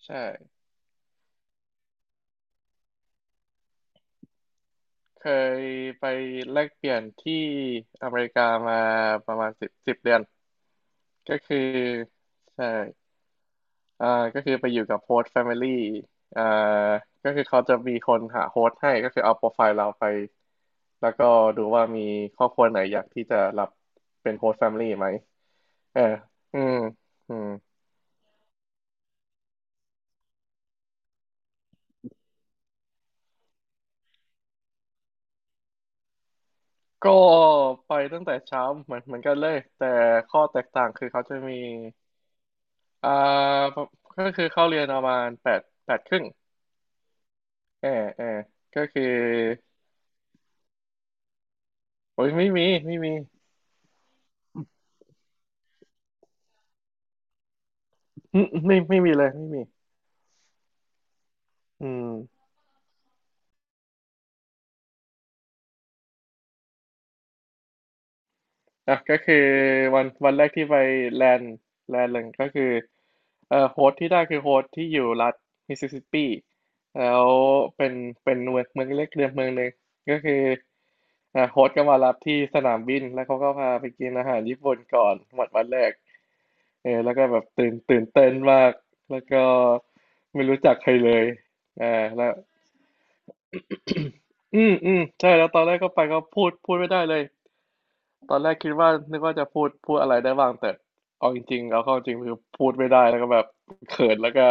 ใช่เคยไปแลกเปลี่ยนที่อเมริกามาประมาณสิบเดือนก็คือใช่อ่าก็คือไปอยู่กับโฮสต์แฟมิลี่อ่าก็คือเขาจะมีคนหาโฮสต์ให้ก็คือเอาโปรไฟล์เราไปแล้วก็ดูว่ามีครอบครัวไหนอยากที่จะรับเป็นโฮสต์แฟมิลี่ไหมเอออืมอืมก็ไปตั้งแต่เช้าเหมือนกันเลยแต่ข้อแตกต่างคือเขาจะมีอ่าก็คือเข้าเรียนประมาณแปดแปดครึ่ง ออเออก็คือโอ้ยไม่มีไม่มีอืมไม่มีเลยไม่มีอืมอ่ะก็คือวันแรกที่ไปแลนด์แลนด์หนึ่งก็คือโฮสต์ที่ได้คือโฮสต์ที่อยู่รัฐมิสซิสซิปปีแล้วเป็นเป็นเมืองเล็กเดือนเมืองหนึ่งก็คืออ่ะโฮสต์ก็มารับที่สนามบินแล้วเขาก็พาไปกินอาหารญี่ปุ่นก่อนวันแรกเออแล้วก็แบบตื่นเต้นมากแล้วก็ไม่รู้จักใครเลยอ่าแล้ว อืมอืมใช่แล้วตอนแรกก็ไปก็พูดไม่ได้เลยตอนแรกคิดว่านึกว่าจะพูดอะไรได้บ้างแต่เอาเข้าจริงคือพูดไม่ได้แล้วก็แบบเขินแล้วก็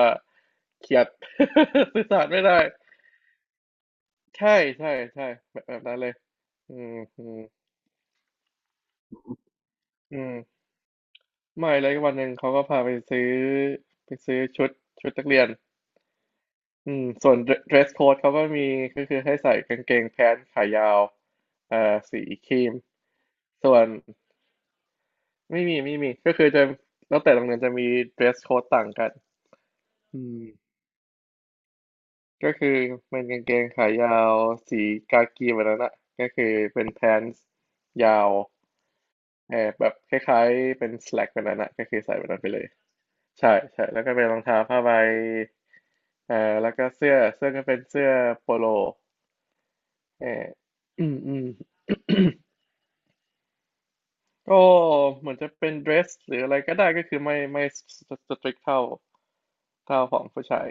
เครียด สื่อสารไม่ได้ใช่ใช่ใช่แบบนั้นเลยอืมอืมอืมไม่เลยวันหนึ่งเขาก็พาไปซื้อไปซื้อชุดชุดนักเรียนอืมส่วน dress code เขาก็มีก็คือให้ใส่กางเกงแพนขายาวสีครีมส่วน ไม่มีไม่มีก็คือจะแล้วแต่โรงเรียนจะมี dress code ต่างกันอืมก็คือเป็นกางเกงขายาวสีกากีแบบนั้นอะก็คือเป็น pants ยาวแอบแบบคล้ายๆเป็น slack แบบนั้นอะก็คือใส่แบบนั้นไปเลยใช่ใช่แล้วก็เป็นรองเท้าผ้าใบเอ่อแล้วก็เสื้อก็เป็นเสื้อโปโลเอออืมอืม ก็เหมือนจะเป็น dress หรืออะไรก็ได้ก็คือไม่ strict เท่าของผู้ชาย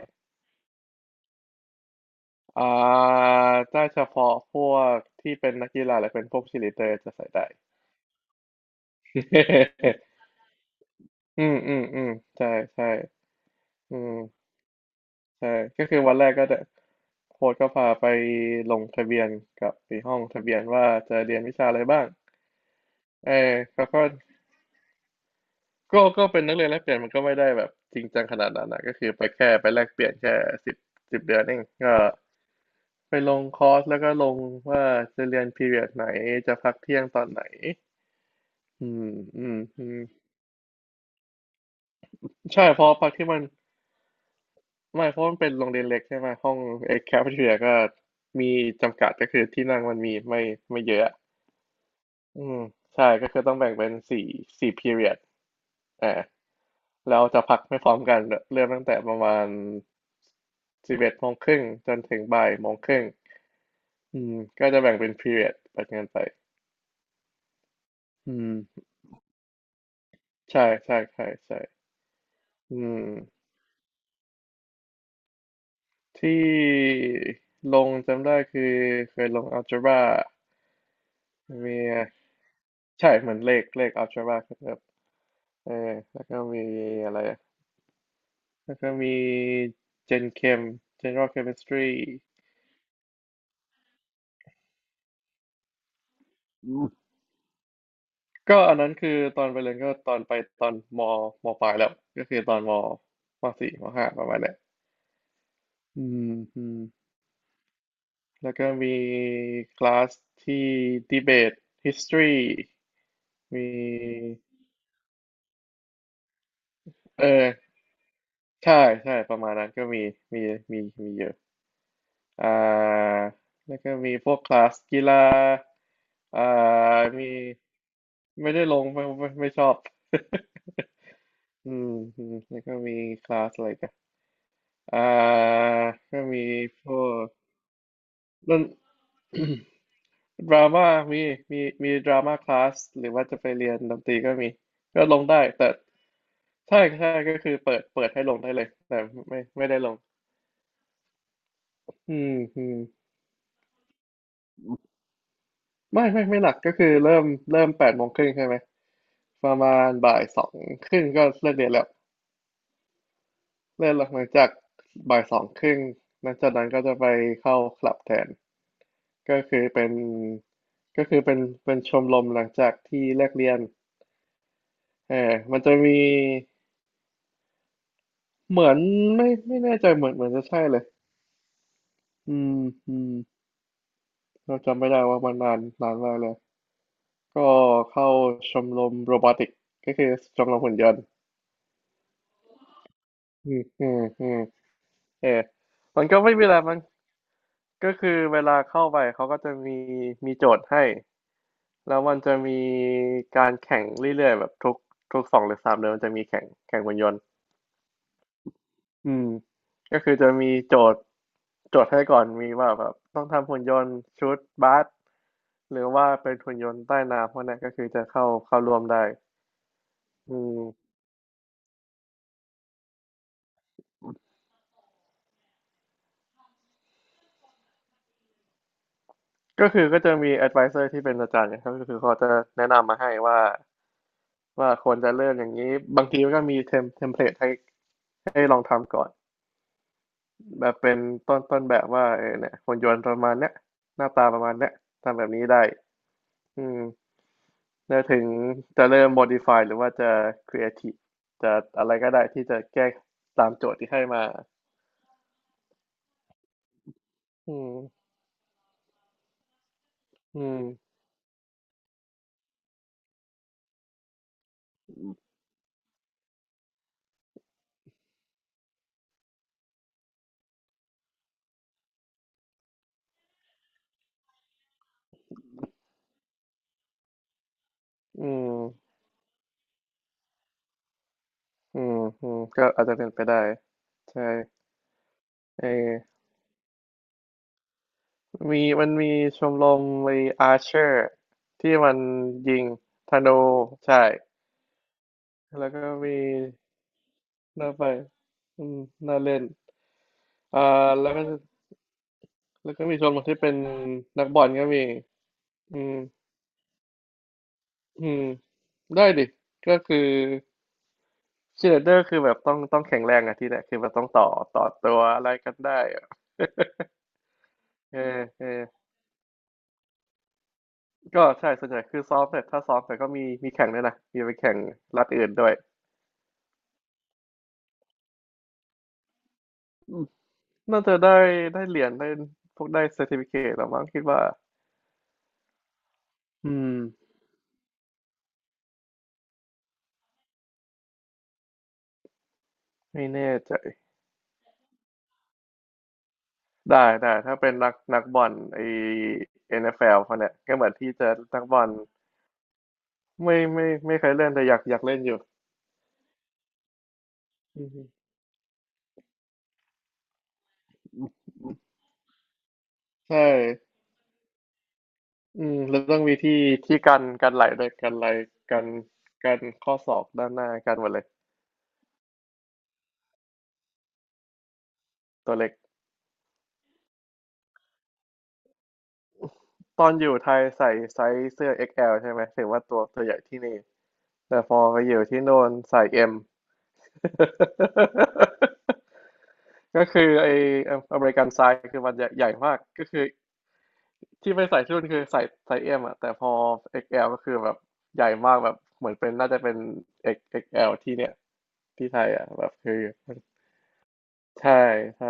อ่าถ้าเฉพาะพวกที่เป็นนักกีฬาหรือเป็นพวกชีลีเดอร์จะใส่ได้ อืมอืมอืมใช่ใช่อืมใช่ก็คือวันแรกก็จะโค้ชก็พาไปลงทะเบียนกับที่ห้องทะเบียนว่าจะเรียนวิชาอะไรบ้างเออเขาก็เป็นนักเรียนแลกเปลี่ยนมันก็ไม่ได้แบบจริงจังขนาดนั้นนะก็คือไปแค่ไปแลกเปลี่ยนแค่สิบสิบเดือนเองก็ไปลงคอร์สแล้วก็ลงว่าจะเรียนพีเรียดไหนจะพักเที่ยงตอนไหนอืมอืมอืม ใช่เพราะพักที่มันไม่เพราะมันเป็นโรงเรียนเล็กใช่ไหมห้องเอ็กแคฟเทียก็มีจำกัดก็คือที่นั่งมันมีไม่เยอะอืมใช่ก็คือต้องแบ่งเป็นสี่พีเรีดอ่าแล้วจะพักไม่พร้อมกันเริ่มตั้งแต่ประมาณ11:30จนถึง13:30อืมก็จะแบ่งเป็นพี r ร o d ดแบบนั้นไปอืมใช่ใช่ใช่ใช่อืมที่ลงจำได้คือเคยลงอ l g จบ r a มีใช่เหมือนเลขอัลจบรา เออแล้วก็มีอะไรอะแล้วก็มีเจนเคม General Chemistry อืมก็อันนั้นคือตอนไปเรียนก็ตอนไปตอนมปลายแล้วก็คือตอนมสี่มห้าประมาณเนี้ยอืมอืมแล้วก็มีคลาสที่ดีเบต history มีเออใช่ใช่ประมาณนั้นก็มีมีเยอะอ่าแล้วก็มีพวกคลาสกีฬาอ่ามี ไม่ได้ลงไม่ชอบ อืมอืมแล้วก็มีคลาสอะไรกันอ่าก็มีพวกดน ดรา ม่ามีมีดราม่าคลาสหรือว่าจะไปเรียนดนตรีก็มีก็ลงได้แต่ใช่ใช่ก็คือเปิดให้ลงได้เลยแต่ไม่ได้ลงอืมอืมไม่หนักก็คือเริ่ม8:30ใช่ไหมประมาณบ่ายสองครึ่งก็เลิกเรียนแล้วเลิกหลังจากบ่ายสองครึ่งหลังจากนั้นก็จะไปเข้าคลับแทน ก็คือเป็นก็คือเป็นชมรมหลังจากที่เลิกเรียนเออมันจะมีเหมือนไม่แน่ใจเหมือนจะใช่เลยอืมอืมเราจำไม่ได้ว่ามันนานมากเลยก็เข้าชมรมโรบอติกก็คือชมรมหุ่นยนต์อืมอืมอืมเออมันก็ไม่มีอะไรมันก็คือเวลาเข้าไปเขาก็จะมีโจทย์ให้แล้วมันจะมีการแข่งเรื่อยๆแบบทุกสองหรือสามเดือนมันจะมีแข่งหุ่นยนต์ อืมก็คือจะมีโจทย์ให้ก่อนมีว่าแบบต้องทำหุ่นยนต์ชุดบาสหรือว่าเป็นหุ่นยนต์ใต้น้ำพวกนั้นก็คือจะเข้าร่วมได้อืมก็คือก็จะมี advisor ที่เป็นอาจารย์นะครับก็คือเขาจะแนะนำมาให้ว่าควรจะเริ่มอย่างนี้บางทีก็มีเทมเพลตให้ลองทำก่อนแบบเป็นต้นแบบว่าเออเนี่ยหุ่นยนต์ประมาณเนี้ยหน้าตาประมาณเนี้ยทำแบบนี้ได้อืม แล้วถึงจะเริ่ม modify หรือว่าจะ creative จะอะไรก็ได้ที่จะแก้ตามโจทย์ที่ให้มาอืมอืมอืมอืมอืมก็อาจจะเป็นไปได้ใช่เออมีมีชมรมมArcher ที่มันยิงธนูใช่แล้วก็มีน่าไปอืมน่าเล่นอ่าแล้วก็มีชมรมที่เป็นนักบอลก็มีอืมอืมได้ดิก็คือ ชีเลเดอร์คือแบบต้องแข็งแรงอะที่เนี่ยคือแบบต้องต่อตัวอะไรกันได้อะเออเออก็ใช่ส่วนใหญ่คือซ้อมเสร็จถ้าซ้อมเสร็จก็มีแข่งด้วยนะมีไปแข่งรัฐอื่นด้วยอืมน่าจะได้ได้เหรียญได้พวกได้เซอร์ติฟิเคตหรือมั้งคิดว่าอืมไม่แน่ใจได้ได้ถ้าเป็นนักบอลNFL พวกเนี่ยก็เหมือนที่จะนักบอลไม่ไม่เคยเล่นแต่อยากเล่นอยู่อืมใช่ อืมแล้วต้องมีที่กันไหลด้วยกันไหลกันกันข้อศอกด้านหน้ากันหมดเลยตัวเล็กตอนอยู่ไทยใส่ไซส์เสื้อ XL ใช่ไหมถือว่าตัวตัวใหญ่ที่นี่แต่พอไปอยู่ที่โน่นใส่ M ก็คือไออเมริกันไซส์คือมันใหญ่ใหญ่มากก็คือที่ไปใส่ที่นู่นคือใส่ไซส์ M อ่ะแต่พอ XL กซ์แอลก็คือแบบใหญ่มากแบบเหมือนเป็นน่าจะเป็น x l ที่เนี่ยที่ไทยอ่ะแบบคือใช่ใช่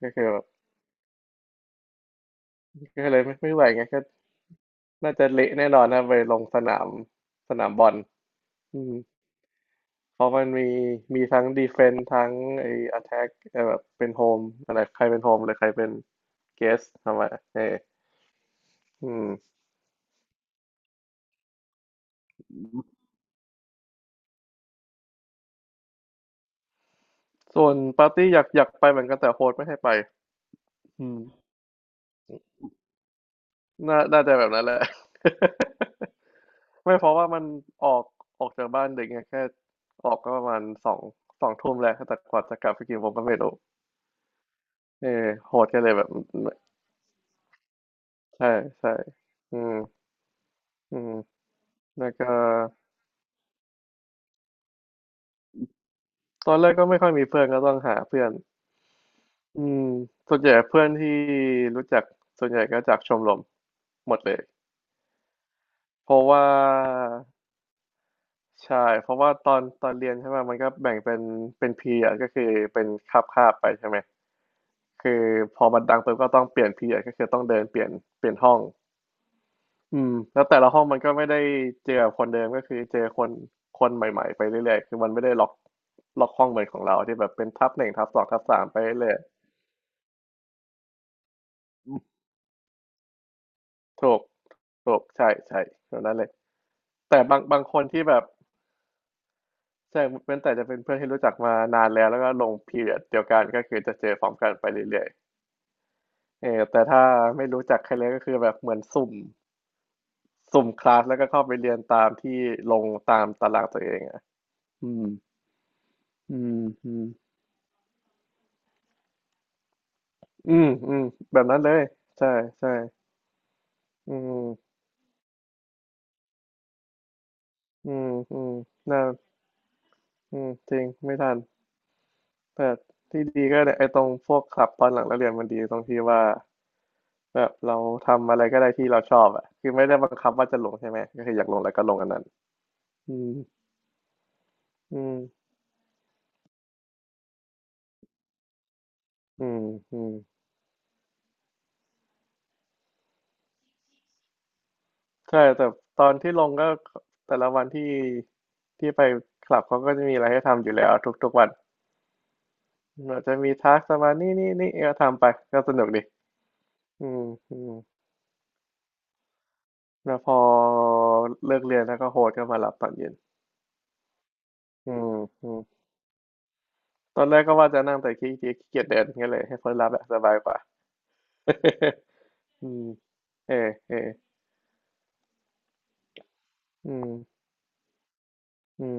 ก็คือแบบ ก็เลยไม่ไหวไงก็น่าจะเละแน่นอนถ้าไปลงสนามสนามบอลอืมเพราะมันมีมีทั้งดีเฟน s ์ทั้งไอ้อ t แทกแบบเป็นโฮมอะไรใครเป็นโฮมเลยใครเป็นเกสทำไมเอออืมส่วนปาร์ตี้อยากไปเหมือนกันแต่โฮสไม่ให้ไปอืมน่าจะแบบนั้นแหละ ไม่เพราะว่ามันออกจากบ้านเด็กไงแค่ออกก็ประมาณสองสองทุ่มแล้วแต่กว่าจะกลับไปกี่โมงก็ไม่รู้เออโฮสก็เลยแบบ ใช่ใช่อืมอืมแล้วก็ตอนแรกก็ไม่ค่อยมีเพื่อนก็ต้องหาเพื่อนอืมส่วนใหญ่เพื่อนที่รู้จักส่วนใหญ่ก็จากชมรมหมดเลยเพราะว่าใช่เพราะว่าตอนเรียนใช่ไหมมันก็แบ่งเป็นเป็นพีอก็คือเป็นคาบไปใช่ไหมคือพอมันดังปุ๊บก็ต้องเปลี่ยนพีอ่ะก็คือต้องเดินเปลี่ยนห้อง อืมแล้วแต่ละห้องมันก็ไม่ได้เจอกับคนเดิมก็คือเจอคนคนใหม่ๆไปเรื่อยๆคือมันไม่ได้ล็อกห้องเหมือนของเราที่แบบเป็นทับหนึ่งทับสองทับสามไปเรื่อยๆถูกถูกใช่ใช่แบบนั้นเลยแต่บางคนที่แบบใช่เว้นแต่จะเป็นเพื่อนที่รู้จักมานานแล้วแล้วก็ลงพีเรียดเดียวกันก็คือจะเจอพร้อมกันไปเรื่อยๆเออแต่ถ้าไม่รู้จักใครเลยก็คือแบบเหมือนสุ่มคลาสแล้วก็เข้าไปเรียนตามที่ลงตามตารางตัวเองอ่ะอืมอืมอืม อืมอืมแบบนั้นเลยใช่ใช่อืมอืมอืมน่าอืมจริงไม่ทันแต่ที่ดีก็เนี่ยไอ้ตรงพวกคลับตอนหลังเราเรียนมันดีตรงที่ว่าแบบเราทำอะไรก็ได้ที่เราชอบอ่ะคือไม่ได้บังคับว่าจะลงใช่ไหมก็คืออยากลงแล้วก็ลงอันนั้นอืมอืมอืมอืมใช่แต่ตอนที่ลงก็แต่ละวันที่ไปคลับเขาก็จะมีอะไรให้ทำอยู่แล้วทุกๆวันอาจจะมีทักประมาณนี่นี่นี่เออทำไปก็สนุกดีอืมอืม แล้วพอเลิกเรียนแล้วก็โฮสต์ก็มารับตอนเย็นอืมอืมตอนแรกก็ว่าจะนั่งแต่ขี้เกียจเดินงั้นเลยให้คนรับอะสบายกว่า อืมเออเอออืมอืม